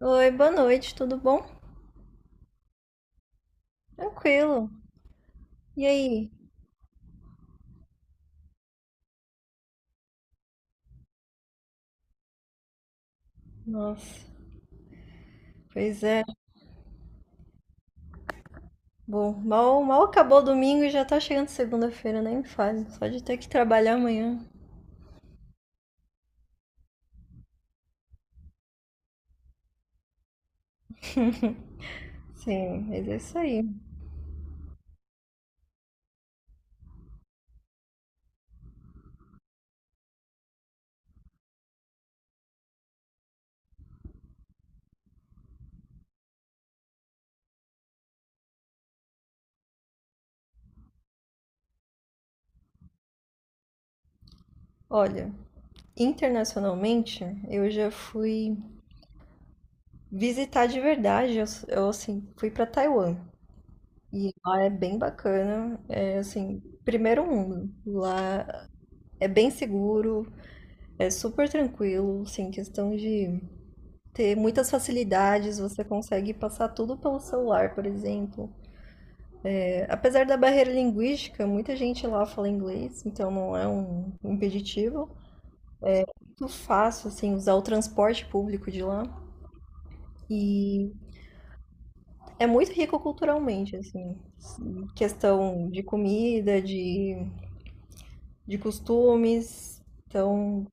Oi, boa noite, tudo bom? Tranquilo. E aí? Nossa, pois é. Bom, mal acabou o domingo e já tá chegando segunda-feira, nem me fale. Só de ter que trabalhar amanhã. Sim, mas é isso aí. Olha, internacionalmente, eu já fui visitar de verdade. Eu, assim, fui pra Taiwan. E lá é bem bacana. É, assim, primeiro mundo. Lá é bem seguro, é super tranquilo, assim, questão de ter muitas facilidades, você consegue passar tudo pelo celular, por exemplo. É, apesar da barreira linguística, muita gente lá fala inglês, então não é um impeditivo. Muito fácil, assim, usar o transporte público de lá. E é muito rico culturalmente, assim, questão de comida, de costumes, então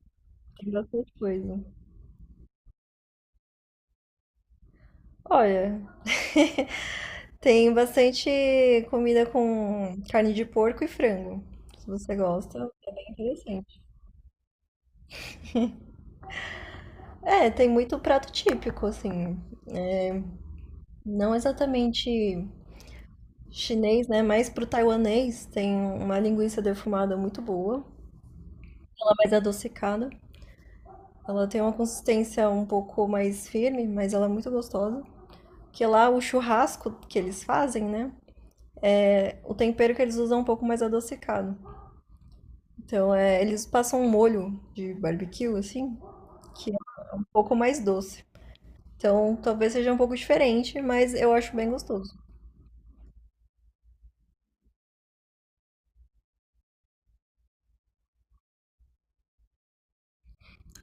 tem bastante coisa. Olha, tem bastante comida com carne de porco e frango. Se você gosta, é bem interessante. É, tem muito prato típico, assim. Não exatamente chinês, né? Mas pro taiwanês tem uma linguiça defumada muito boa, ela é mais adocicada. Ela tem uma consistência um pouco mais firme, mas ela é muito gostosa. Que lá o churrasco que eles fazem, né? O tempero que eles usam é um pouco mais adocicado. Então, é, eles passam um molho de barbecue, assim, um pouco mais doce. Então, talvez seja um pouco diferente, mas eu acho bem gostoso.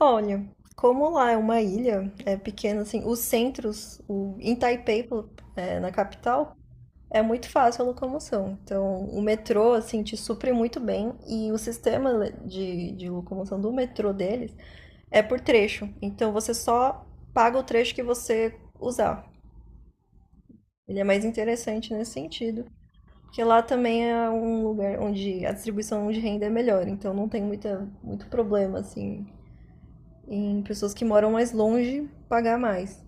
Olha, como lá é uma ilha, é pequena, assim, os centros, em Taipei, é, na capital, é muito fácil a locomoção. Então, o metrô, assim, te supre muito bem e o sistema de locomoção do metrô deles é por trecho. Então, você só paga o trecho que você usar. Ele é mais interessante nesse sentido. Porque lá também é um lugar onde a distribuição de renda é melhor, então não tem muita, muito problema, assim, em pessoas que moram mais longe pagar mais.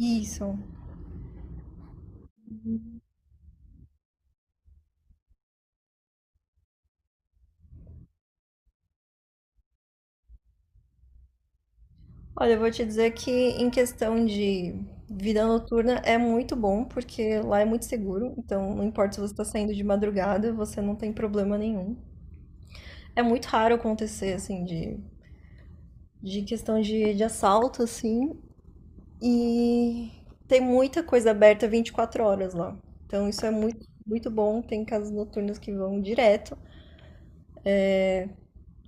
Isso. Olha, eu vou te dizer que em questão de vida noturna é muito bom, porque lá é muito seguro, então não importa se você está saindo de madrugada, você não tem problema nenhum. É muito raro acontecer, assim, de questão de assalto, assim. E tem muita coisa aberta 24 horas lá. Então isso é muito, muito bom. Tem casas noturnas que vão direto,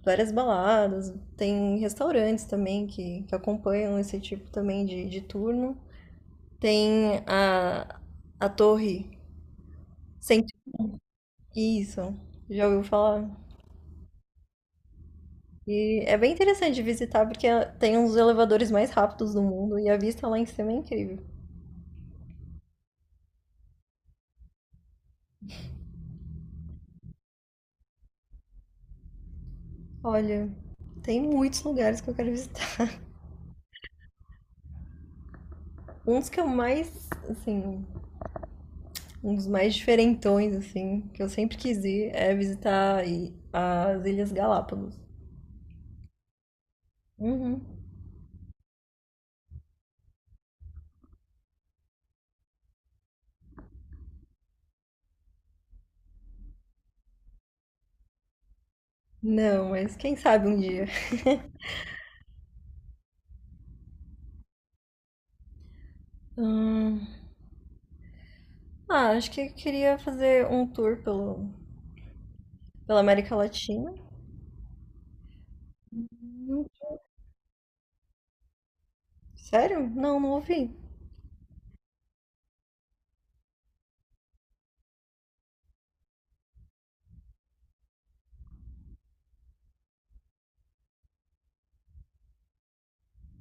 várias baladas, tem restaurantes também que acompanham esse tipo também de turno. Tem a torre sem isso, já ouviu falar? E é bem interessante de visitar porque tem um dos elevadores mais rápidos do mundo e a vista lá em cima é incrível. Olha, tem muitos lugares que eu quero visitar. Um dos que eu mais, assim, Um dos mais diferentões, assim, que eu sempre quis ir é visitar aí as Ilhas Galápagos. Uhum. Não, mas quem sabe um dia. Hum. Ah, acho que eu queria fazer um tour pelo, pela América Latina. Não- Sério? Não, não ouvi.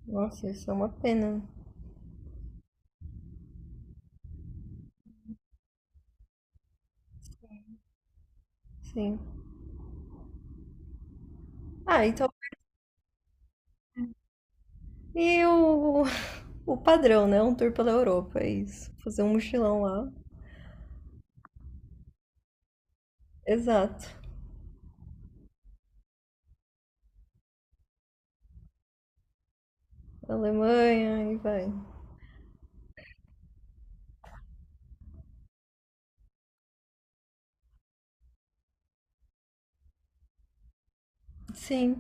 Nossa, isso é uma pena. Sim. Ah, então. E o, o padrão, né? Um tour pela Europa, é isso. Fazer um mochilão lá. Exato. Alemanha e vai. Sim.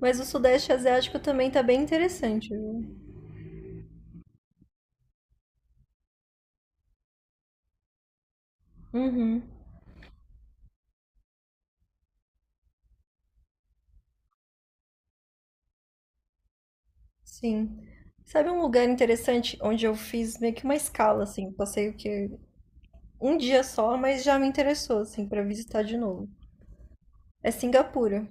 Mas o Sudeste Asiático também tá bem interessante, viu? Uhum, sim. Sabe um lugar interessante onde eu fiz meio que uma escala, assim, passei o que um dia só, mas já me interessou, assim, pra visitar de novo. É Singapura.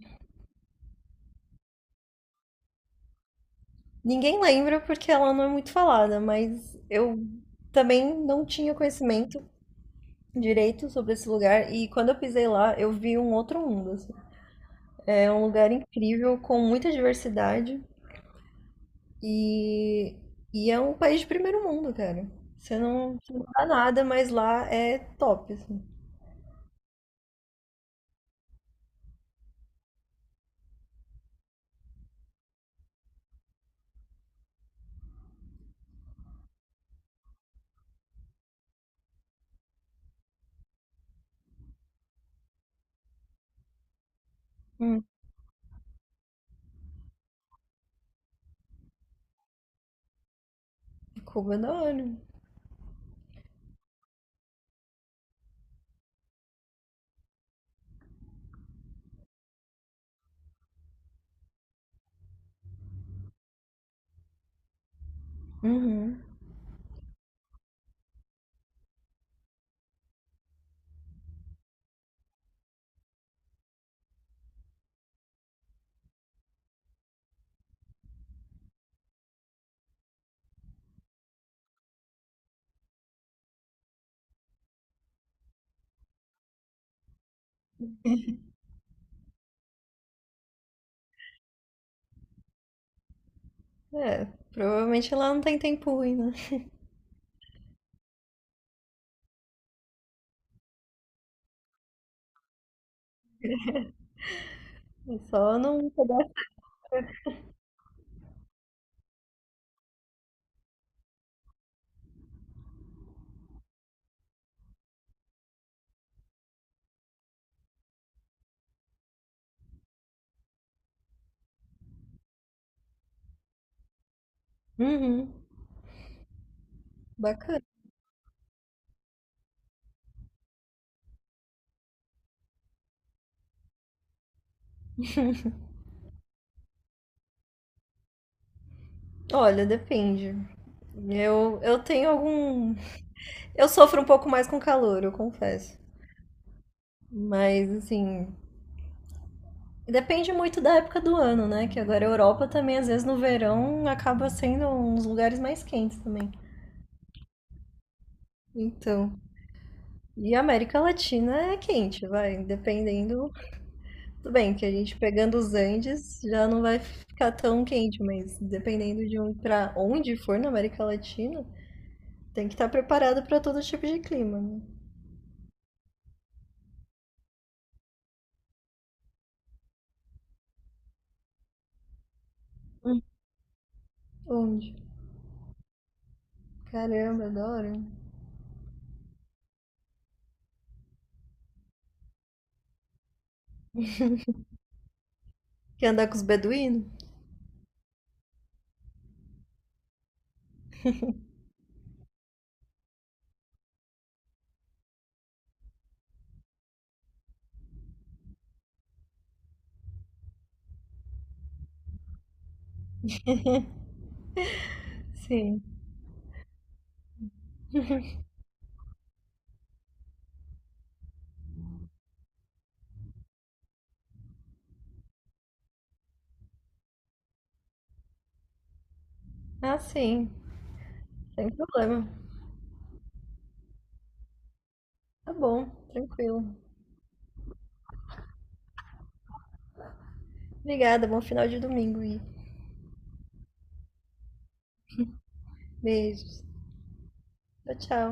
Ninguém lembra porque ela não é muito falada, mas eu também não tinha conhecimento direito sobre esse lugar e quando eu pisei lá, eu vi um outro mundo, assim. É um lugar incrível com muita diversidade. E e é um país de primeiro mundo, cara. Você não dá nada, mas lá é top, assim. Hum. Cuba é da hora. Uhum. É, provavelmente lá não tem tempo ruim, né? É só não pegar. Uhum. Bacana. Olha, depende. Eu tenho algum. Eu sofro um pouco mais com calor, eu confesso. Mas, assim. Depende muito da época do ano, né? Que agora a Europa também, às vezes no verão, acaba sendo uns lugares mais quentes também. Então. E a América Latina é quente, vai, dependendo. Tudo bem que a gente pegando os Andes já não vai ficar tão quente, mas dependendo de um para onde for na América Latina, tem que estar preparado para todo tipo de clima, né? Hum. Onde? Caramba, adoro. Quer andar com os beduínos? Sim. Ah, sim. Sem problema. Tá bom, tranquilo. Obrigada, bom final de domingo e beijos. Tchau, tchau.